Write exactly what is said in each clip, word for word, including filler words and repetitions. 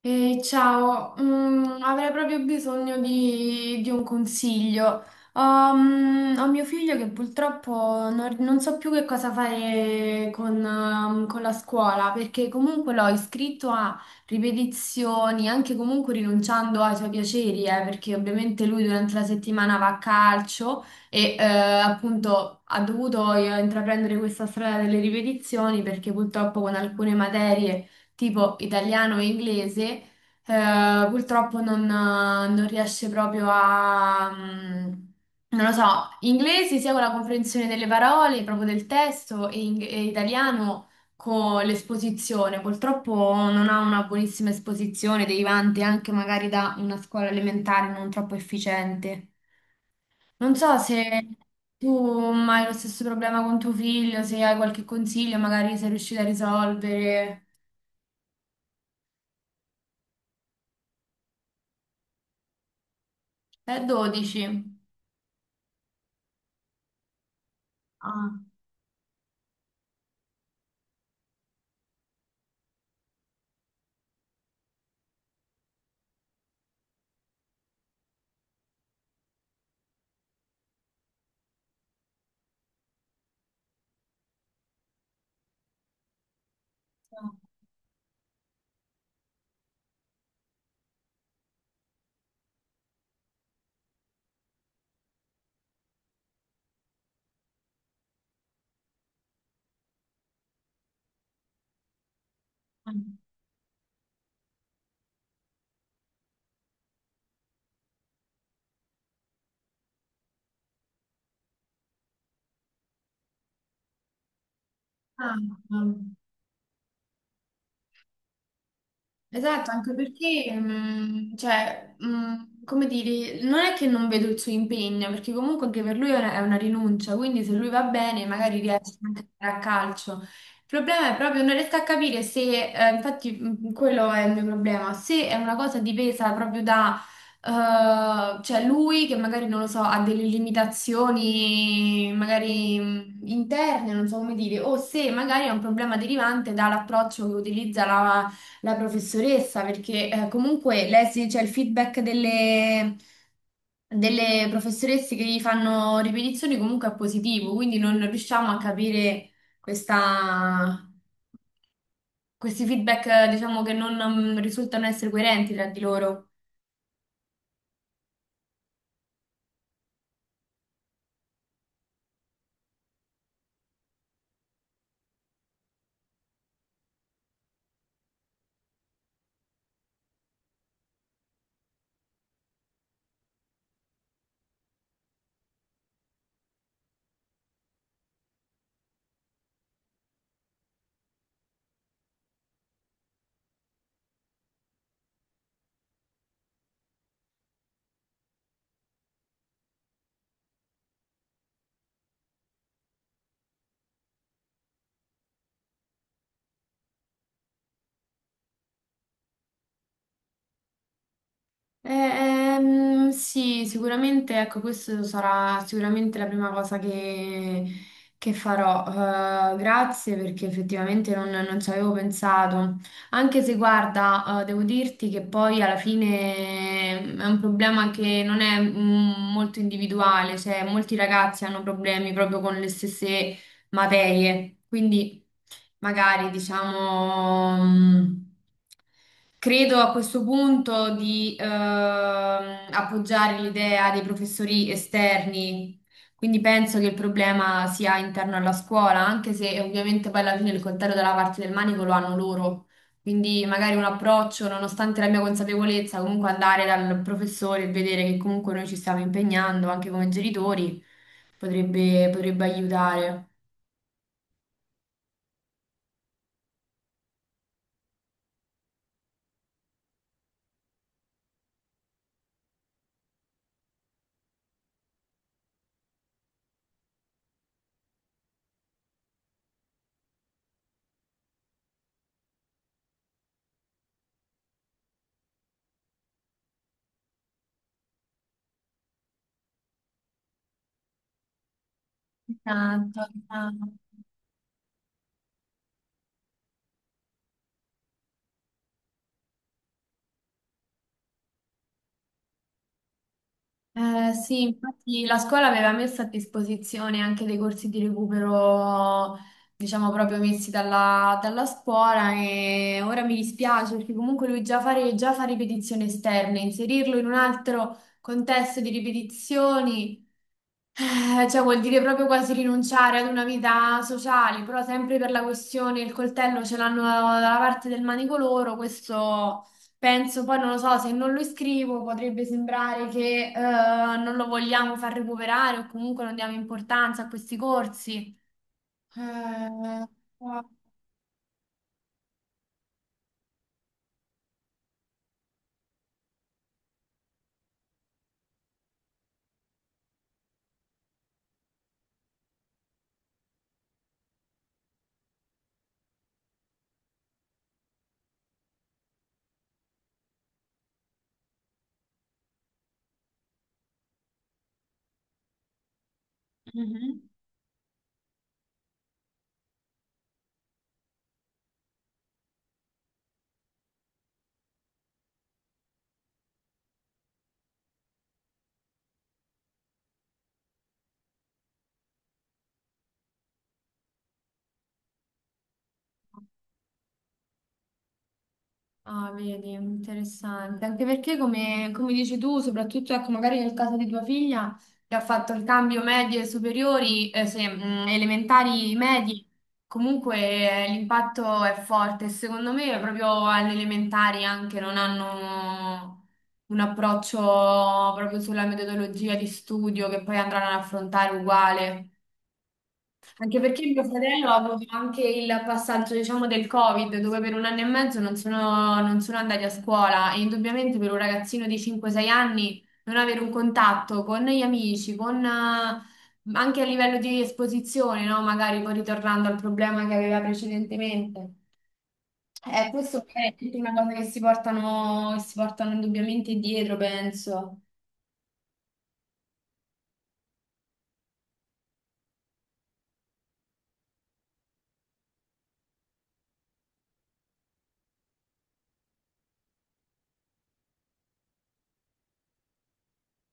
Ehi, ciao, Mm, avrei proprio bisogno di, di un consiglio. Um, ho mio figlio che purtroppo non, non so più che cosa fare con, um, con la scuola, perché comunque l'ho iscritto a ripetizioni, anche comunque rinunciando ai suoi piaceri, eh, perché ovviamente lui durante la settimana va a calcio e eh, appunto ha dovuto eh, intraprendere questa strada delle ripetizioni perché purtroppo con alcune materie tipo italiano e inglese, eh, purtroppo non, non riesce proprio a, mm, non lo so, inglese sia con la comprensione delle parole, proprio del testo, e, ing- e italiano con l'esposizione. Purtroppo non ha una buonissima esposizione, derivante anche magari da una scuola elementare non troppo efficiente. Non so se... Tu hai lo stesso problema con tuo figlio, se hai qualche consiglio, magari sei riuscita a risolvere. È dodici. 啊啊啊啊！嗯 Esatto, anche perché, mh, cioè, mh, come dire, non è che non vedo il suo impegno, perché comunque anche per lui è una, è una rinuncia, quindi se lui va bene magari riesce anche a giocare a calcio. Il problema è proprio non riesco a capire se, eh, infatti mh, quello è il mio problema, se è una cosa dipesa proprio da, eh, cioè lui che magari, non lo so, ha delle limitazioni magari mh, interne, non so come dire, o se magari è un problema derivante dall'approccio che utilizza la la professoressa, perché eh, comunque lei si c'è il feedback delle, delle professoresse che gli fanno ripetizioni comunque è positivo, quindi non riusciamo a capire questa- questi feedback, eh, diciamo, che non mm, risultano essere coerenti tra di loro. Eh, ehm, sì, sicuramente, ecco, questa sarà sicuramente la prima cosa che, che farò. Eh, grazie perché effettivamente non, non ci avevo pensato. Anche se, guarda, eh, devo dirti che poi alla fine mm, è un problema che non è mm, molto individuale, cioè molti ragazzi hanno problemi proprio con le stesse materie, quindi magari diciamo... mm, credo a questo punto di ehm, appoggiare l'idea dei professori esterni, quindi penso che il problema sia interno alla scuola, anche se ovviamente poi alla fine il coltello dalla parte del manico lo hanno loro. Quindi magari un approccio, nonostante la mia consapevolezza, comunque andare dal professore e vedere che comunque noi ci stiamo impegnando anche come genitori potrebbe, potrebbe aiutare. Tanto, tanto. Eh, sì, infatti la scuola aveva messo a disposizione anche dei corsi di recupero, diciamo proprio messi dalla, dalla scuola e ora mi dispiace perché comunque lui già fare, già fa ripetizioni esterne, inserirlo in un altro contesto di ripetizioni, eh, cioè vuol dire proprio quasi rinunciare ad una vita sociale, però sempre per la questione il coltello ce l'hanno dalla parte del manico loro, questo penso, poi non lo so, se non lo iscrivo potrebbe sembrare che eh, non lo vogliamo far recuperare o comunque non diamo importanza a questi corsi. Eh, qua- Mhm. Ah, vedi, interessante. Anche perché, come, come dici tu, soprattutto ecco, magari nel caso di tua figlia, che ha fatto il cambio medie superiori, eh, se, mh, elementari medie, comunque eh, l'impatto è forte. Secondo me, proprio alle elementari anche non hanno un approccio proprio sulla metodologia di studio che poi andranno ad affrontare uguale. Anche perché mio fratello ha avuto anche il passaggio, diciamo, del Covid, dove per un anno e mezzo non sono, non sono andati a scuola e indubbiamente per un ragazzino di cinque sei anni non avere un contatto con gli amici, con, eh, anche a livello di esposizione, no? Magari poi ritornando al problema che aveva precedentemente. Eh, questo è tutta una cosa che si portano, che si portano indubbiamente dietro, penso.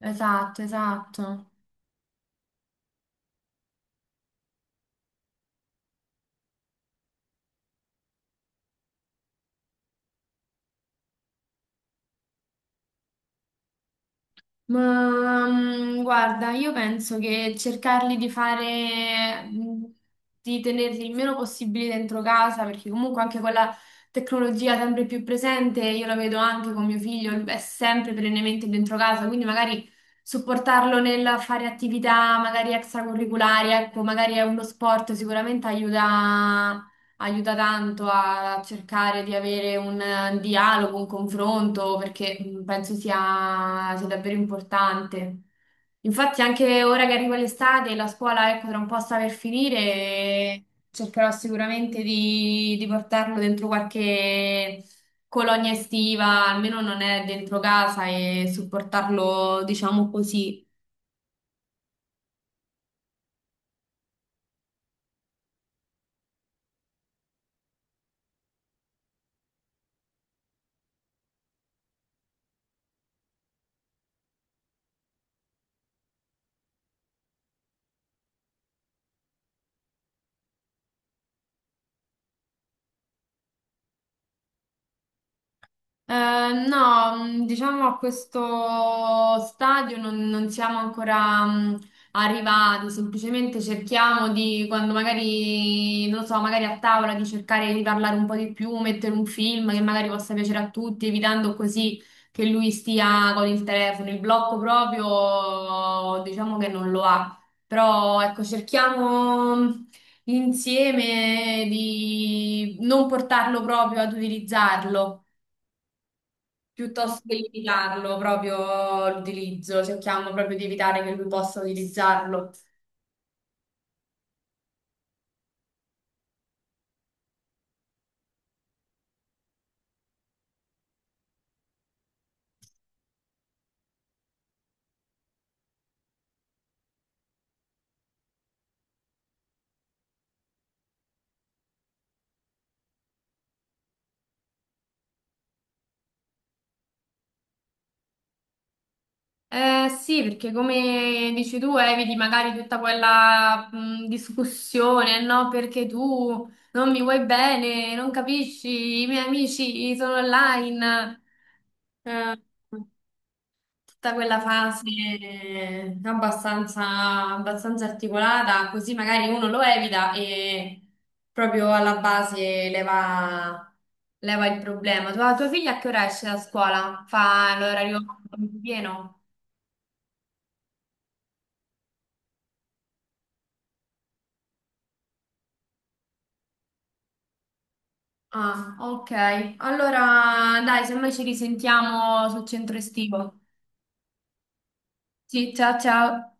Esatto, esatto. Ma, mm, guarda, io penso che cercarli di fare, mm, di tenerli il meno possibile dentro casa, perché comunque anche con la tecnologia sempre più presente, io la vedo anche con mio figlio, è sempre perennemente dentro casa, quindi magari supportarlo nel fare attività magari extracurriculari, ecco, magari è uno sport, sicuramente aiuta aiuta tanto a cercare di avere un eh, dialogo, un confronto, perché mh, penso sia, sia davvero importante. Infatti, anche ora che arriva l'estate, la scuola, ecco, tra un po' sta per finire, e cercherò sicuramente di, di portarlo dentro qualche colonia estiva, almeno non è dentro casa, e supportarlo, diciamo così. Eh, no, mh, diciamo a questo stadio non, non siamo ancora mh, arrivati, semplicemente cerchiamo di, quando magari, non lo so, magari a tavola di cercare di parlare un po' di più, mettere un film che magari possa piacere a tutti, evitando così che lui stia con il telefono. Il blocco proprio, diciamo che non lo ha, però ecco, cerchiamo... mh, insieme di non portarlo proprio ad utilizzarlo piuttosto che limitarlo proprio l'utilizzo, cerchiamo proprio di evitare che lui possa utilizzarlo. Eh, sì, perché come dici tu, eviti magari tutta quella mh, discussione, no? Perché tu non mi vuoi bene, non capisci, i miei amici sono online. Eh, tutta quella fase eh, abbastanza, abbastanza articolata, così magari uno lo evita e proprio alla base leva, leva il problema. Tua, tua figlia a che ora esce da scuola? Fa l'orario pieno? Ah, ok. Allora, dai, se noi ci risentiamo sul centro estivo. Sì, ciao ciao.